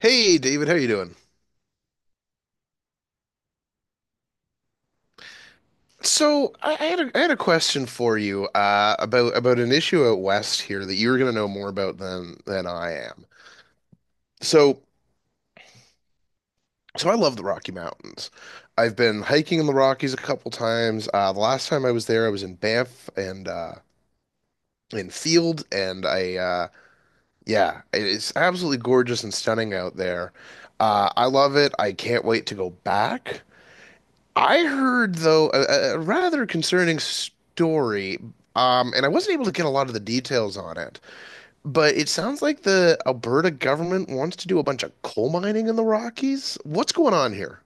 Hey David, how you doing? So I had I had a question for you about an issue out west here that you're going to know more about than I am. So so I love the Rocky Mountains. I've been hiking in the Rockies a couple times. The last time I was there, I was in Banff and in Field, and yeah, it's absolutely gorgeous and stunning out there. I love it. I can't wait to go back. I heard though a rather concerning story, and I wasn't able to get a lot of the details on it. But it sounds like the Alberta government wants to do a bunch of coal mining in the Rockies. What's going on here?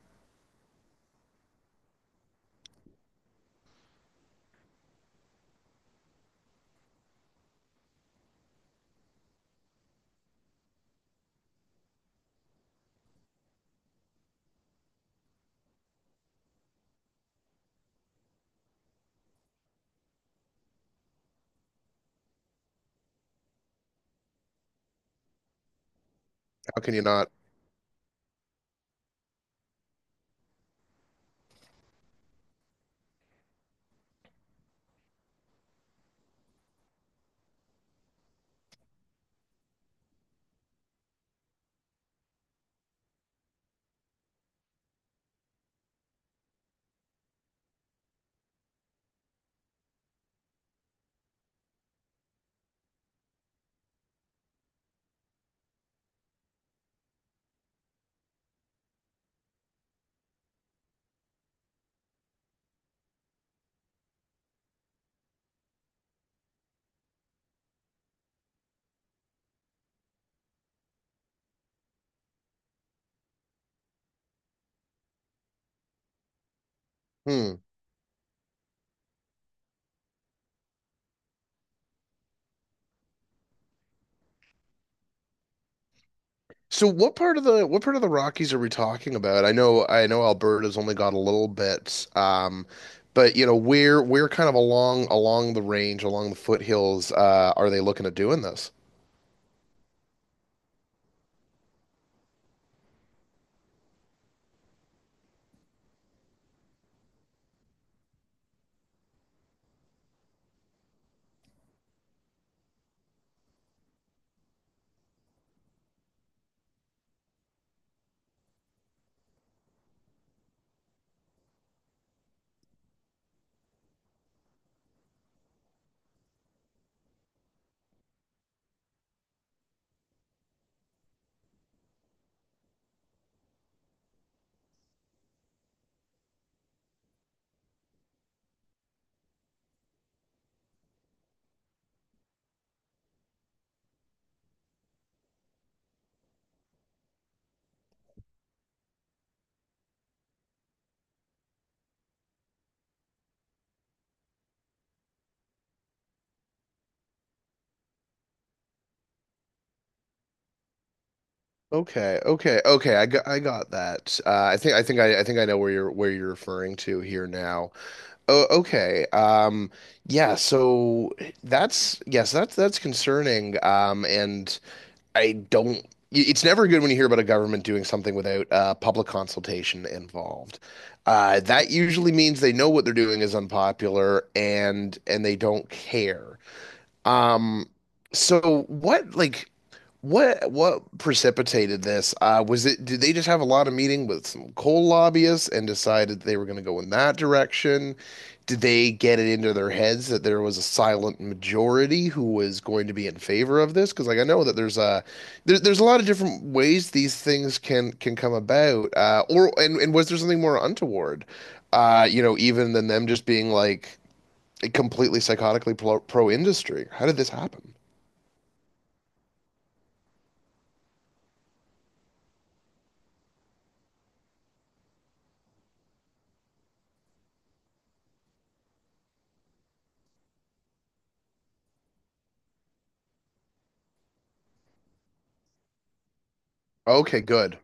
How can you not? Hmm. So what part of the what part of the Rockies are we talking about? I know Alberta's only got a little bit, but you know where kind of along along the range, along the foothills, are they looking at doing this? Okay, okay, okay. I got that. I think I know where you're referring to here now. Oh, okay. Yeah. So that's that's concerning. And I don't. I- It's never good when you hear about a government doing something without public consultation involved. That usually means they know what they're doing is unpopular and they don't care. Um, so what precipitated this? Was it Did they just have a lot of meeting with some coal lobbyists and decided they were going to go in that direction? Did they get it into their heads that there was a silent majority who was going to be in favor of this? Because like I know that there's a lot of different ways these things can come about. Or And was there something more untoward? You know, even than them just being like completely psychotically pro industry. How did this happen? Okay, good.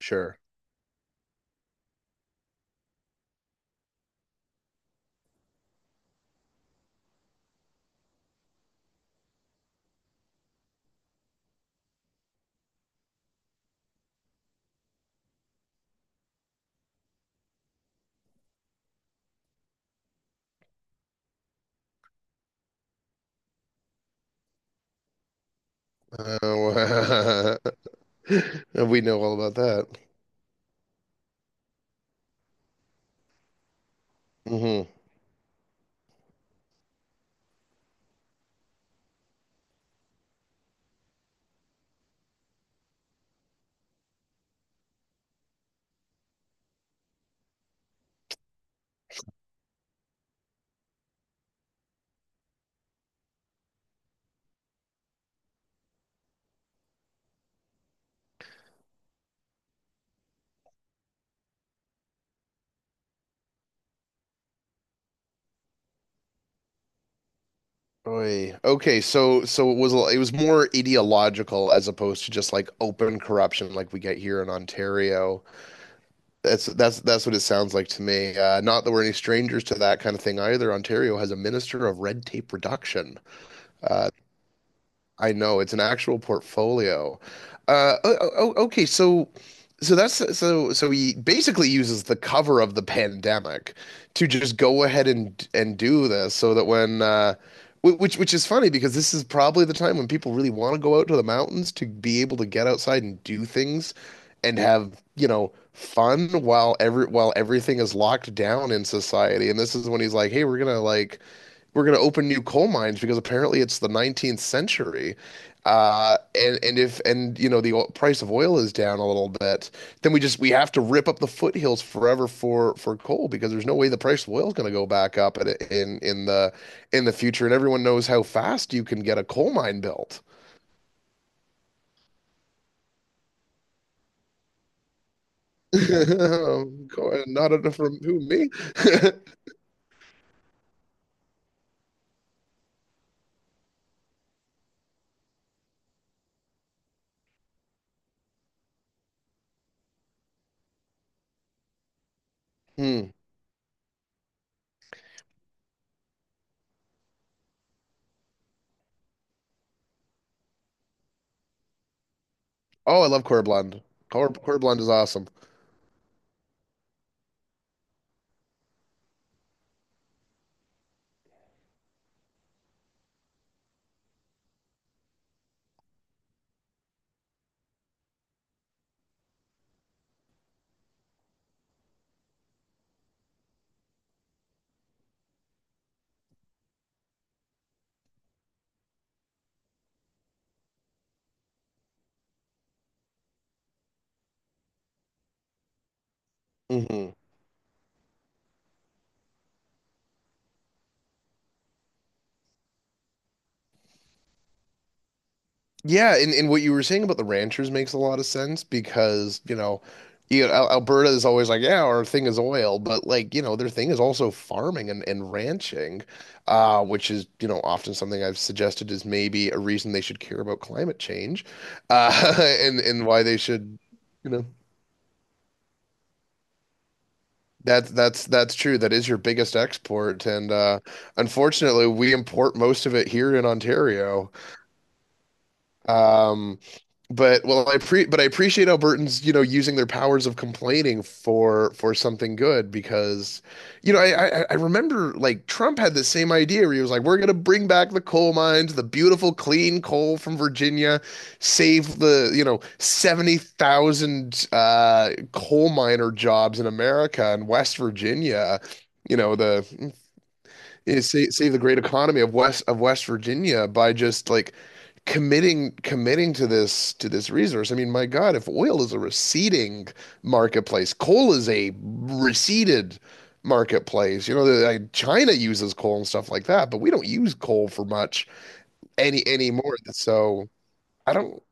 Sure. Uh, we know all about that. Mm-hmm. Oy. Okay, so so it was more ideological as opposed to just like open corruption like we get here in Ontario. That's what it sounds like to me. Not that we're any strangers to that kind of thing either. Ontario has a minister of red tape reduction. Uh, I know it's an actual portfolio. Uh, oh, oh, oh, okay, so so that's he basically uses the cover of the pandemic to just go ahead and do this so that when wh- which is funny because this is probably the time when people really want to go out to the mountains to be able to get outside and do things and have, you know, fun while everything is locked down in society. And this is when he's like, "Hey, we're gonna like." We're going to open new coal mines because apparently it's the 19th century. And if and you know the price of oil is down a little bit, then we have to rip up the foothills forever for coal because there's no way the price of oil is going to go back up in in the future. And everyone knows how fast you can get a coal mine built. Not enough from who me? Hmm. Oh, I love Cor Blond. Cor Blond is awesome. Mhm. Yeah, and what you were saying about the ranchers makes a lot of sense because, you know, Alberta is always like, yeah, our thing is oil, but like, you know, their thing is also farming and ranching, which is, you know, often something I've suggested is maybe a reason they should care about climate change, uh, and why they should, you know, that's true. That is your biggest export, and unfortunately, we import most of it here in Ontario. Um, but I appreciate Albertans, you know, using their powers of complaining for something good because, you know, I remember like Trump had the same idea where he was like, we're gonna bring back the coal mines, the beautiful clean coal from Virginia, save the, you know, 70,000 coal miner jobs in America and West Virginia. You know, the is save, save the great economy of West Virginia by just like committing to this resource. I mean, my God, if oil is a receding marketplace, coal is a receded marketplace. You know, the, like, China uses coal and stuff like that, but we don't use coal for much anymore. So I don't.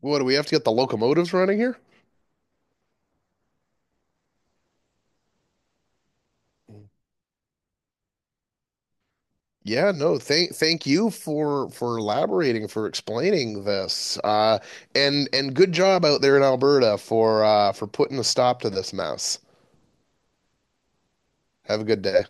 What do we have to get the locomotives running here? Yeah, no, thank thank you for elaborating, for explaining this. And good job out there in Alberta for putting a stop to this mess. Have a good day.